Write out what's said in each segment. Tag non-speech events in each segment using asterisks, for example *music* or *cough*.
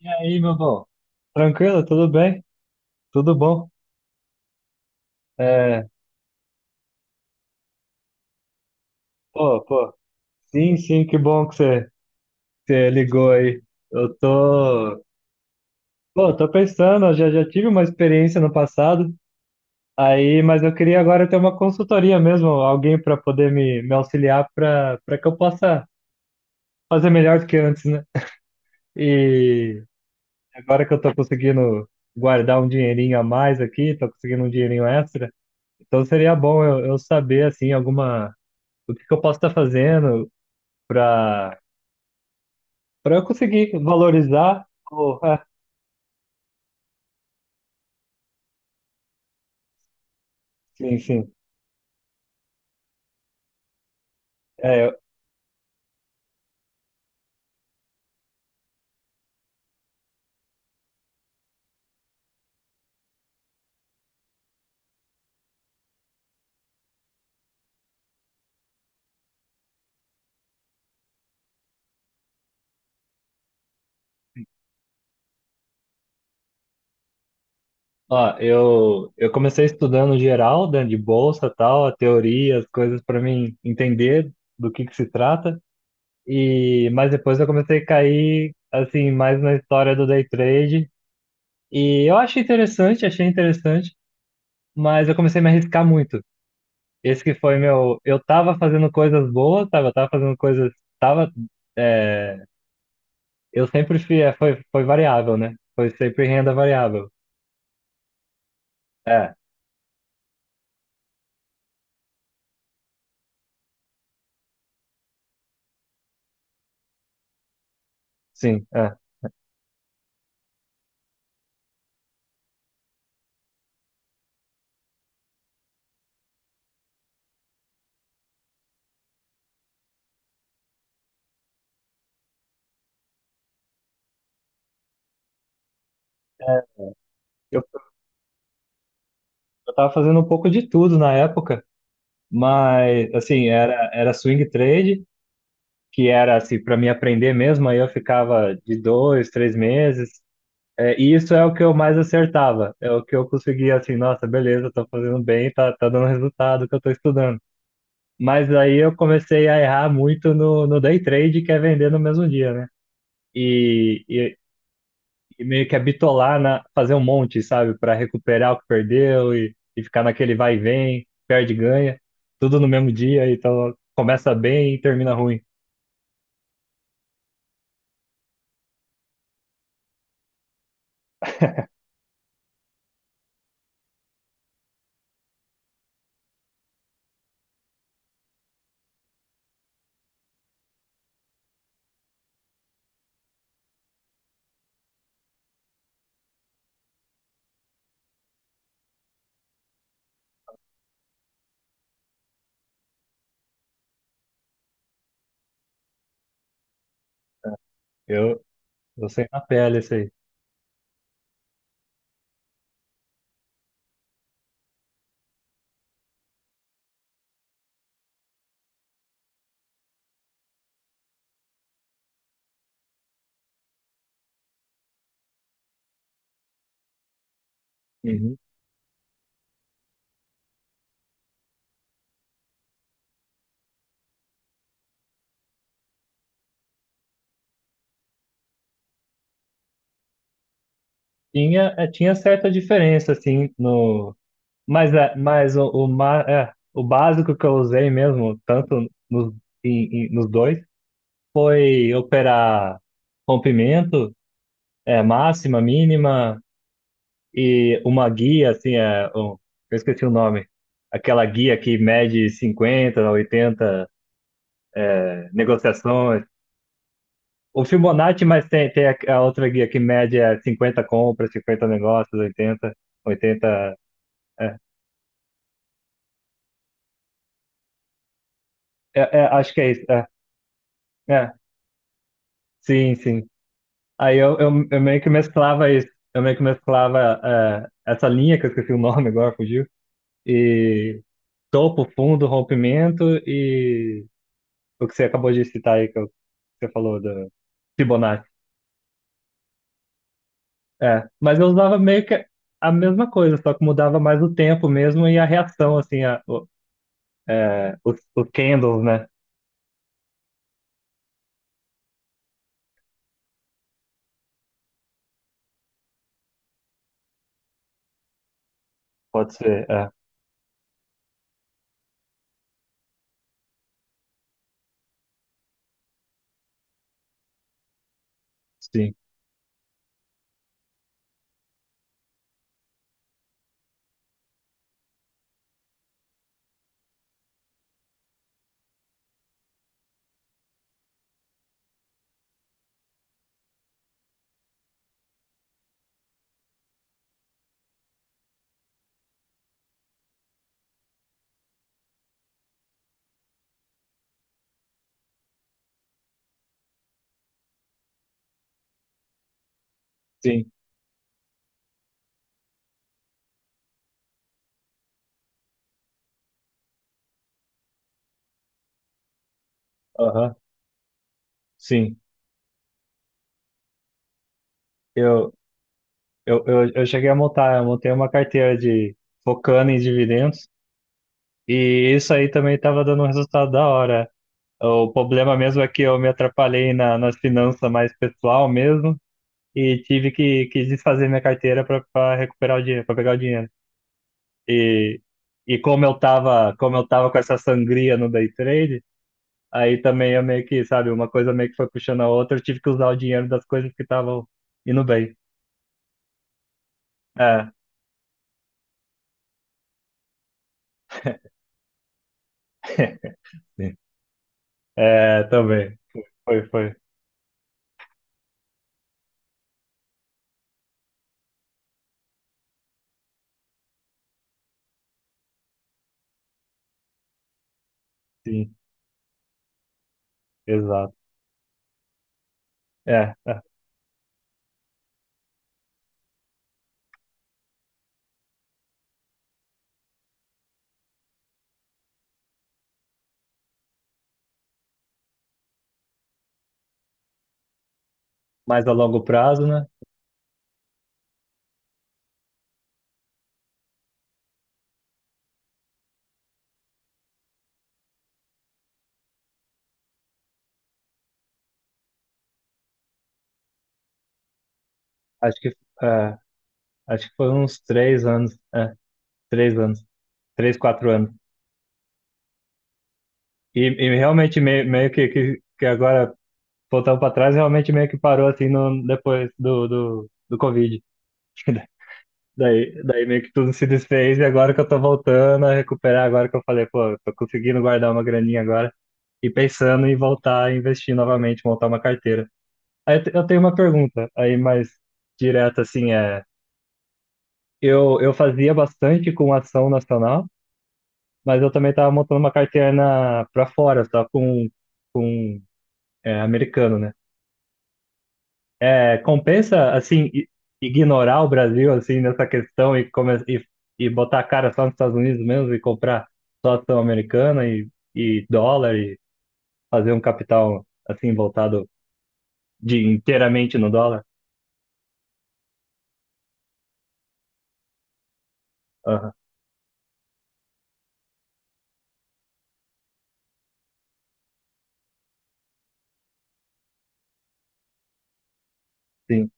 E aí, meu bom? Tranquilo? Tudo bem? Tudo bom? É, pô, sim, sim, que bom que você ligou aí. Eu tô, pô, tô pensando, eu já tive uma experiência no passado, aí, mas eu queria agora ter uma consultoria mesmo, alguém para poder me auxiliar para que eu possa fazer melhor do que antes, né? E agora que eu tô conseguindo guardar um dinheirinho a mais aqui, tô conseguindo um dinheirinho extra, então seria bom eu saber, assim, alguma o que que eu posso estar fazendo para para eu conseguir valorizar o Ah, sim, sim. É, eu- ó, eu comecei estudando geral, né, de bolsa, tal, a teoria, as coisas para mim entender do que se trata. E mas depois eu comecei a cair assim mais na história do day trade e eu achei interessante, mas eu comecei a me arriscar muito. Esse que foi meu, eu tava fazendo coisas boas, eu tava fazendo coisas, tava é, Eu sempre fui, foi variável, né? Foi sempre renda variável. É, sim, é. Eu, eu tava fazendo um pouco de tudo na época, mas, assim, era swing trade, que era, assim, para mim aprender mesmo, aí eu ficava de 2, 3 meses. É, e isso é o que eu mais acertava, é o que eu conseguia, assim, nossa, beleza, tô fazendo bem, tá dando resultado que eu tô estudando. Mas aí eu comecei a errar muito no day trade, que é vender no mesmo dia, né? E, e e meio que habitolar na fazer um monte, sabe, para recuperar o que perdeu e ficar naquele vai e vem, perde e ganha, tudo no mesmo dia, então começa bem e termina ruim. Eu, eu sei na pele isso aí. Uhum. Tinha certa diferença assim no, mas o básico que eu usei mesmo, tanto nos dois, foi operar rompimento, máxima, mínima. E uma guia, assim, eu esqueci o nome, aquela guia que mede 50, 80 negociações. O Fibonacci, mas tem a outra guia que mede 50 compras, 50 negócios, oitenta. É, acho que é isso. É, é, sim, sim. Aí eu meio que mesclava isso. Eu meio que mesclava essa linha, que eu esqueci o *laughs* nome agora, fugiu. E topo, fundo, rompimento e o que você acabou de citar aí, que eu você falou do Fibonacci. É, mas eu usava meio que a mesma coisa, só que mudava mais o tempo mesmo e a reação, assim, a, o, é, os candles, né? Pode ser, sim, sim, aham, sim. Eu, eu cheguei a montar, eu montei uma carteira de focando em dividendos e isso aí também estava dando um resultado da hora. O problema mesmo é que eu me atrapalhei na, nas finanças mais pessoal mesmo e tive que desfazer minha carteira para recuperar o dinheiro, para pegar o dinheiro. E, e como eu tava, com essa sangria no day trade, aí também eu meio que, sabe, uma coisa meio que foi puxando a outra, eu tive que usar o dinheiro das coisas que estavam indo bem. É, *laughs* sim. É, também. Foi, foi. Sim, exato. É, é. Mais a longo prazo, né? Acho que, é, acho que foi uns 3 anos, 3 anos, 3, 4 anos. E realmente meio que agora, voltando para trás, realmente meio que parou assim no, depois do Covid. *laughs* Daí, meio que tudo se desfez e agora que eu tô voltando a recuperar, agora que eu falei, pô, eu tô conseguindo guardar uma graninha agora e pensando em voltar a investir novamente, montar uma carteira. Aí eu tenho uma pergunta aí mais direta, assim, eu fazia bastante com ação nacional, mas eu também tava montando uma carteira pra fora, só com americano, né? É, compensa, assim, ignorar o Brasil, assim, nessa questão e botar a cara só nos Estados Unidos mesmo e comprar só ação americana e dólar e fazer um capital, assim, voltado inteiramente no dólar? Aham, sim.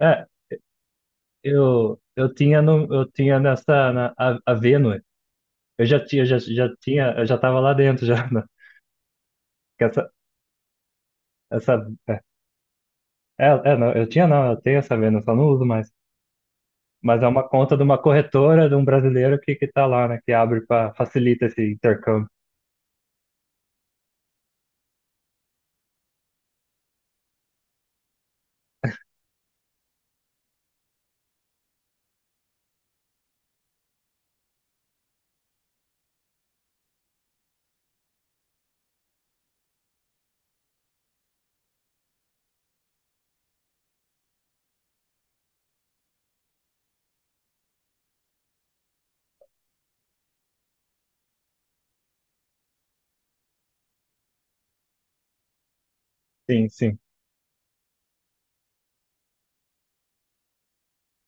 É, eu tinha, no, eu tinha a Venue, eu já tinha, eu já tava lá dentro, já, *laughs* né? Que essa, é, é, não, eu tinha não, eu tenho essa Venue, só não uso mais. Mas é uma conta de uma corretora de um brasileiro que tá lá, né? Que abre para facilita esse intercâmbio. Sim, sim.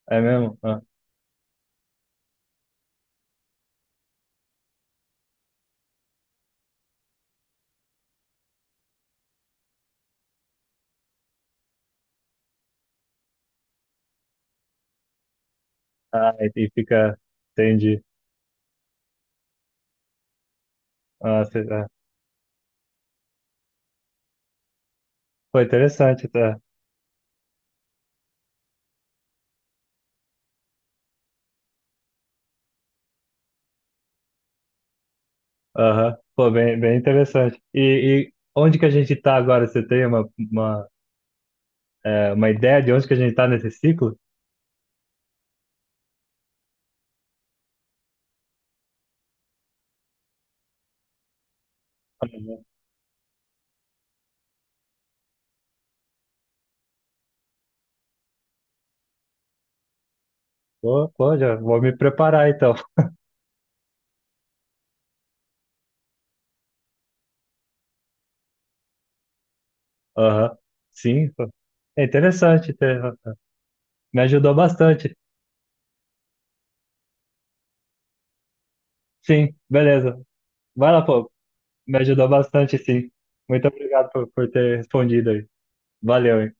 É mesmo? Ah, e fica. Entendi. Ah. Pô, interessante, tá? Aham. Pô, bem, bem interessante. E onde que a gente tá agora? Você tem uma ideia de onde que a gente tá nesse ciclo? Pô, já vou me preparar então. Aham. Sim, pô. É interessante. Tá? Me ajudou bastante. Sim, beleza. Vai lá, pô. Me ajudou bastante, sim. Muito obrigado por ter respondido aí. Valeu, hein?